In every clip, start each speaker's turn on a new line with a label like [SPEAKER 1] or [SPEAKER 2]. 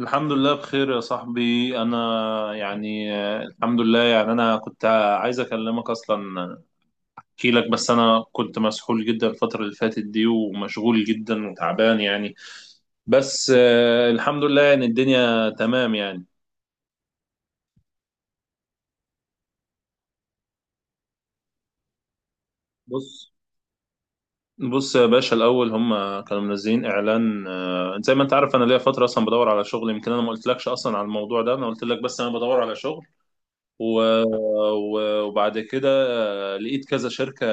[SPEAKER 1] الحمد لله بخير يا صاحبي. انا الحمد لله. انا كنت عايز اكلمك اصلا، احكي لك، بس انا كنت مسحول جدا الفترة اللي فاتت دي ومشغول جدا وتعبان بس الحمد لله. الدنيا تمام يعني. بص بص يا باشا، الاول هم كانوا منزلين اعلان، زي ما انت عارف انا ليا فترة اصلا بدور على شغل. يمكن انا ما قلتلكش اصلا على الموضوع ده، انا قلت لك بس انا بدور على شغل. و- وبعد كده لقيت كذا شركة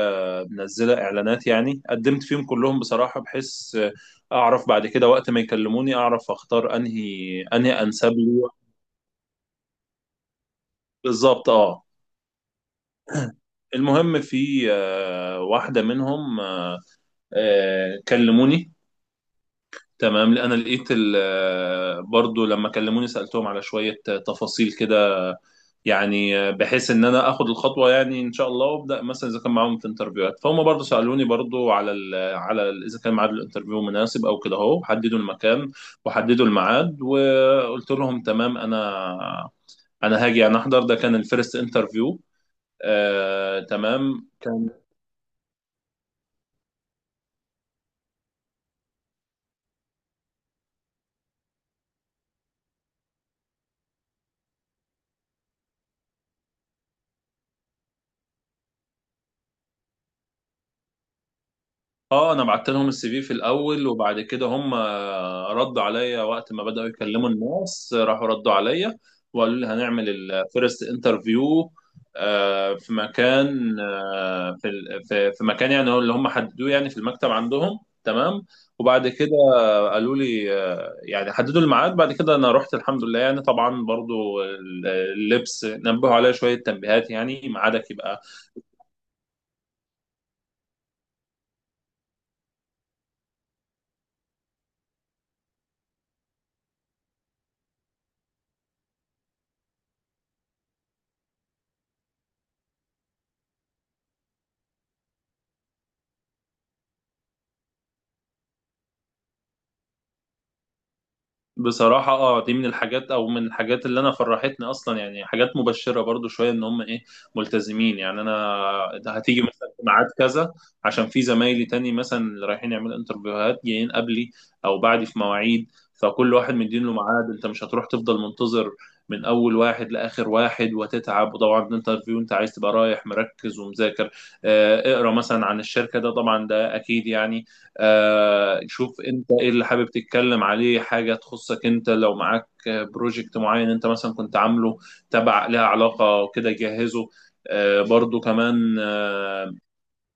[SPEAKER 1] منزلة إعلانات، يعني قدمت فيهم كلهم بصراحة بحيث أعرف بعد كده وقت ما يكلموني أعرف أختار أنهي أنهي أنسب لي. بالظبط أه. المهم في واحدة منهم كلموني. تمام، لأن أنا لقيت برضو لما كلموني سألتهم على شوية تفاصيل كده، بحيث ان انا اخد الخطوه يعني ان شاء الله، وابدا. مثلا اذا كان معاهم في انترفيوهات، فهم برضو سالوني برضو على ال اذا كان ميعاد الانترفيو مناسب او كده، اهو حددوا المكان وحددوا الميعاد، وقلت لهم تمام، انا هاجي، انا احضر. ده كان الفيرست انترفيو، آه تمام. اه انا بعت لهم السي في في الاول، وبعد كده هم ردوا عليا وقت ما بداوا يكلموا الناس، راحوا ردوا عليا وقالوا لي هنعمل الفيرست انترفيو في مكان، آه، في ال- في في مكان يعني هو اللي هم حددوه، يعني في المكتب عندهم. تمام. وبعد كده قالوا لي يعني حددوا الميعاد. بعد كده انا رحت الحمد لله. يعني طبعا برضو اللبس نبهوا عليا شوية تنبيهات، يعني ميعادك يبقى. بصراحة اه دي من الحاجات، او من الحاجات اللي انا فرحتني اصلا، يعني حاجات مبشرة برضو شوية، ان هم ايه، ملتزمين. يعني انا ده هتيجي مثلا في ميعاد كذا، عشان في زمايلي تاني مثلا اللي رايحين يعملوا انترفيوهات جايين قبلي او بعدي في مواعيد، فكل واحد مدين له ميعاد، انت مش هتروح تفضل منتظر من اول واحد لاخر واحد وتتعب. وطبعا الانترفيو انت عايز تبقى رايح مركز ومذاكر، اقرا مثلا عن الشركة. ده طبعا ده اكيد يعني. شوف انت ايه اللي حابب تتكلم عليه، حاجة تخصك انت، لو معاك بروجكت معين انت مثلا كنت عامله تبع لها علاقة وكده جهزه. آه، برضو كمان آه،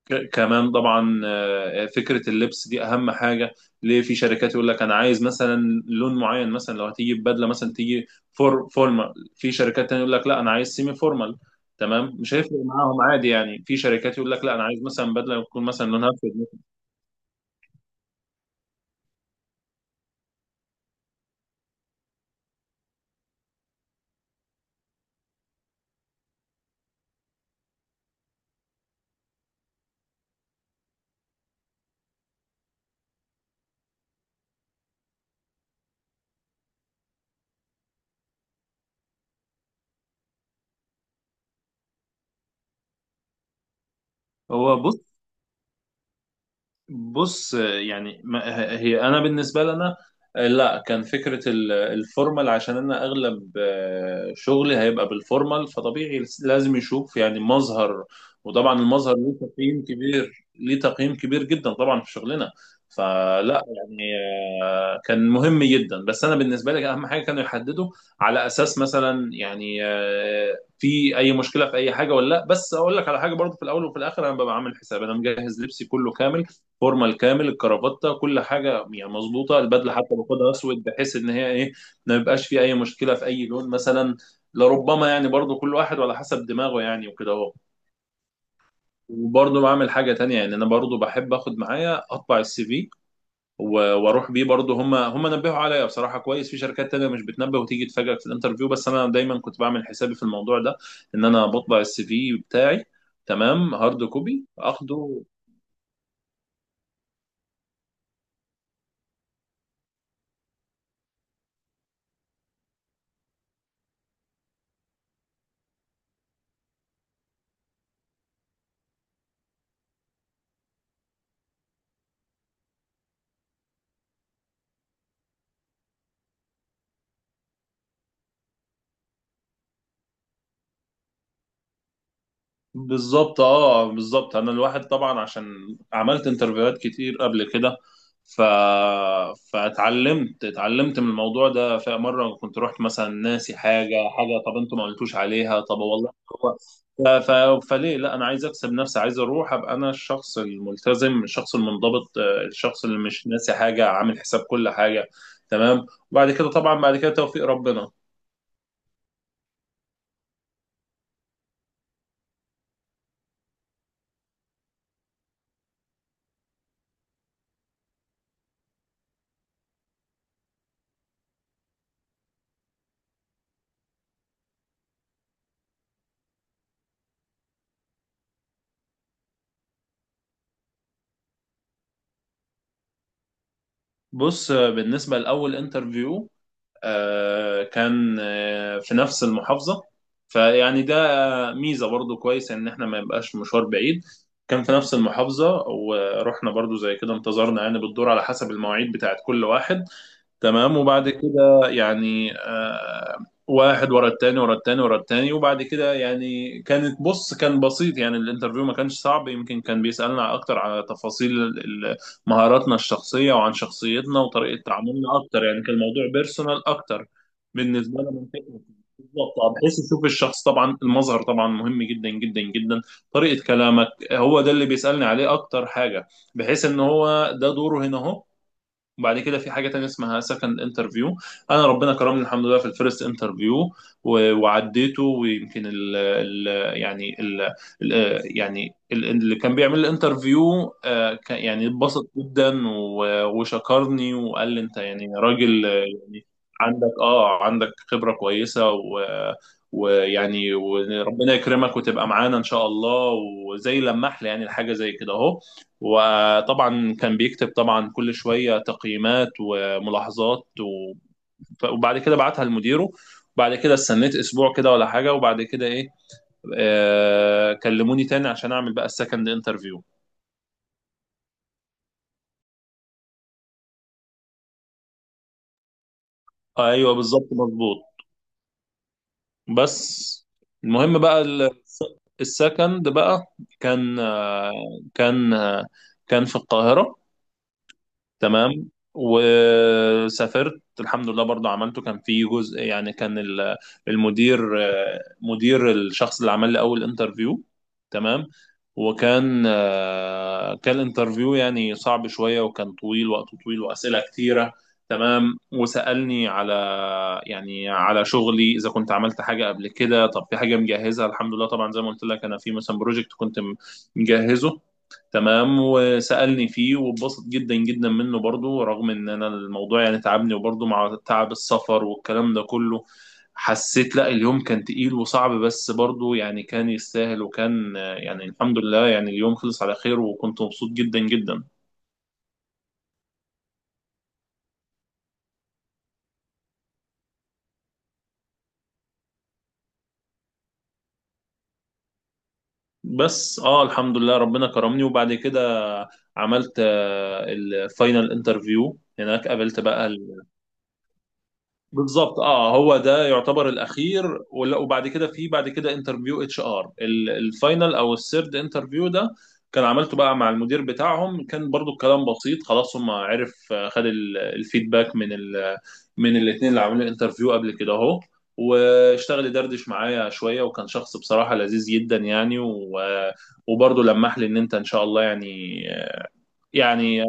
[SPEAKER 1] ك- كمان طبعا فكرة اللبس دي أهم حاجة، ليه في شركات يقول لك أنا عايز مثلا لون معين، مثلا لو هتيجي ببدلة مثلا تيجي فورمال. في شركات تانية يقول لك لا، أنا عايز سيمي فورمال. تمام، مش هيفرق معاهم، عادي يعني. في شركات يقول لك لا، أنا عايز مثلا بدلة تكون مثلا لونها أسود. هو بص يعني ما- هي انا بالنسبه لنا لا، كان فكره الفورمال، عشان انا اغلب شغلي هيبقى بالفورمال، فطبيعي لازم يشوف يعني مظهر. وطبعا المظهر ليه تقييم كبير جدا طبعا في شغلنا. فلا يعني كان مهم جدا. بس انا بالنسبه لي اهم حاجه كانوا يحددوا على اساس مثلا في اي مشكله في اي حاجه ولا لا. بس اقول لك على حاجه، برضو في الاول وفي الاخر انا ببقى عامل حساب، انا مجهز لبسي كله كامل، الفورمه الكامل، الكرافته، كل حاجه يعني مظبوطه، البدله حتى باخدها اسود بحيث ان هي ايه، ما يبقاش في اي مشكله في اي لون مثلا. لربما يعني برضو كل واحد على حسب دماغه يعني، وكده اهو. وبرضه بعمل حاجة تانية. يعني أنا برضه بحب آخد معايا أطبع السي في وأروح بيه. برضه هم نبهوا عليا بصراحة كويس. في شركات تانية مش بتنبه وتيجي تفاجئك في الانترفيو، بس أنا دايما كنت بعمل حسابي في الموضوع ده، إن أنا بطبع السي في بتاعي، تمام، هارد كوبي اخده. بالظبط اه بالظبط. انا الواحد طبعا عشان عملت انترفيوهات كتير قبل كده، ف... فاتعلمت، اتعلمت من الموضوع ده. فمره كنت رحت مثلا ناسي حاجه، حاجه طب انتوا ما قلتوش عليها، طب والله. هو ف... ف... فليه لا، انا عايز اكسب نفسي، عايز اروح ابقى انا الشخص الملتزم، الشخص المنضبط، الشخص اللي مش ناسي حاجه، عامل حساب كل حاجه. تمام. وبعد كده طبعا بعد كده توفيق ربنا. بص بالنسبه لاول انترفيو آه، كان آه، في نفس المحافظة، فيعني ده ميزة برضو كويس ان احنا ما يبقاش مشوار بعيد. كان في نفس المحافظة، ورحنا برضو زي كده انتظرنا يعني بالدور على حسب المواعيد بتاعت كل واحد. تمام. وبعد كده واحد ورا التاني ورا التاني. وبعد كده يعني كانت، بص كان بسيط يعني الانترفيو، ما كانش صعب. يمكن كان بيسألنا اكتر على تفاصيل مهاراتنا الشخصية، وعن شخصيتنا وطريقة تعاملنا اكتر، يعني كان الموضوع بيرسونال اكتر بالنسبة لنا من فكرة. بالظبط بحيث يشوف الشخص، طبعا المظهر طبعا مهم جدا جدا جدا، طريقة كلامك، هو ده اللي بيسألني عليه اكتر حاجة، بحيث ان هو ده دوره هنا اهو. وبعد كده في حاجة تانية اسمها سكند انترفيو. انا ربنا كرمني الحمد لله في الفيرست انترفيو وعديته. ويمكن ال ال يعني ال ال يعني ال اللي كان بيعمل لي انترفيو يعني اتبسط جدا وشكرني وقال لي انت يعني راجل، عندك اه عندك خبرة كويسة، و ويعني وربنا يكرمك وتبقى معانا ان شاء الله. وزي لمح لي يعني الحاجه زي كده اهو. وطبعا كان بيكتب طبعا كل شويه تقييمات وملاحظات وبعد كده بعتها لمديره. وبعد كده استنيت اسبوع كده ولا حاجه، وبعد كده ايه، آه كلموني تاني عشان اعمل بقى السكند انترفيو. ايوه بالظبط مظبوط. بس المهم بقى السكند بقى كان كان آه، كان في القاهره. تمام. وسافرت الحمد لله برضو عملته. كان في جزء يعني كان المدير، مدير الشخص اللي عمل لي اول انترفيو. تمام. وكان كان الانترفيو يعني صعب شوية، وكان طويل، وقته طويل، وأسئلة كتيرة. تمام. وسألني على يعني على شغلي، إذا كنت عملت حاجة قبل كده. طب في حاجة مجهزها الحمد لله، طبعا زي ما قلت لك أنا في مثلا بروجكت كنت مجهزه. تمام. وسألني فيه واتبسط جدا جدا منه، برضو رغم ان انا الموضوع يعني تعبني، وبرضو مع تعب السفر والكلام ده كله حسيت لا، اليوم كان تقيل وصعب، بس برضو يعني كان يستاهل، وكان يعني الحمد لله يعني اليوم خلص على خير، وكنت مبسوط جدا جدا. بس اه الحمد لله ربنا كرمني. وبعد كده عملت الفاينل انترفيو هناك، قابلت بقى. بالظبط اه هو ده يعتبر الاخير. وبعد كده في بعد كده انترفيو اتش ار، الفاينل او السيرد انترفيو ده، كان عملته بقى مع المدير بتاعهم. كان برضو الكلام بسيط، خلاص هم عرف خد الفيدباك من ال من الاثنين اللي عاملين الانترفيو قبل كده اهو. واشتغل يدردش معايا شويه، وكان شخص بصراحه لذيذ جدا يعني. وبرضه لمح لي ان انت ان شاء الله يعني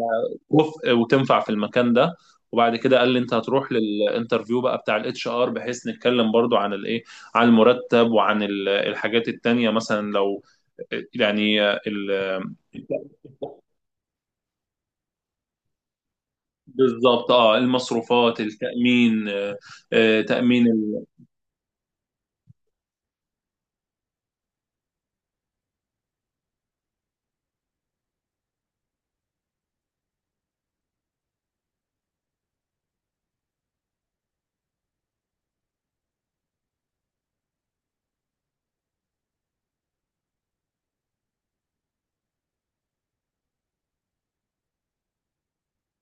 [SPEAKER 1] وتنفع في المكان ده. وبعد كده قال لي انت هتروح للانترفيو بقى بتاع الاتش ار، بحيث نتكلم برضو عن الايه، عن المرتب وعن الحاجات التانية، مثلا لو يعني ال... بالظبط اه، المصروفات، التأمين، تأمين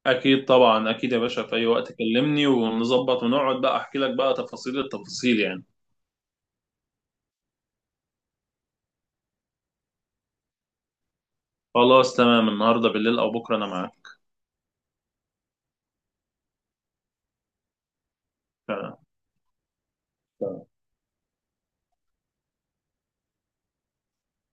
[SPEAKER 1] اكيد طبعا، اكيد يا باشا في اي وقت كلمني ونظبط ونقعد، بقى احكي لك بقى تفاصيل التفاصيل يعني. خلاص تمام، النهارده بالليل او بكره انا معاك. تمام.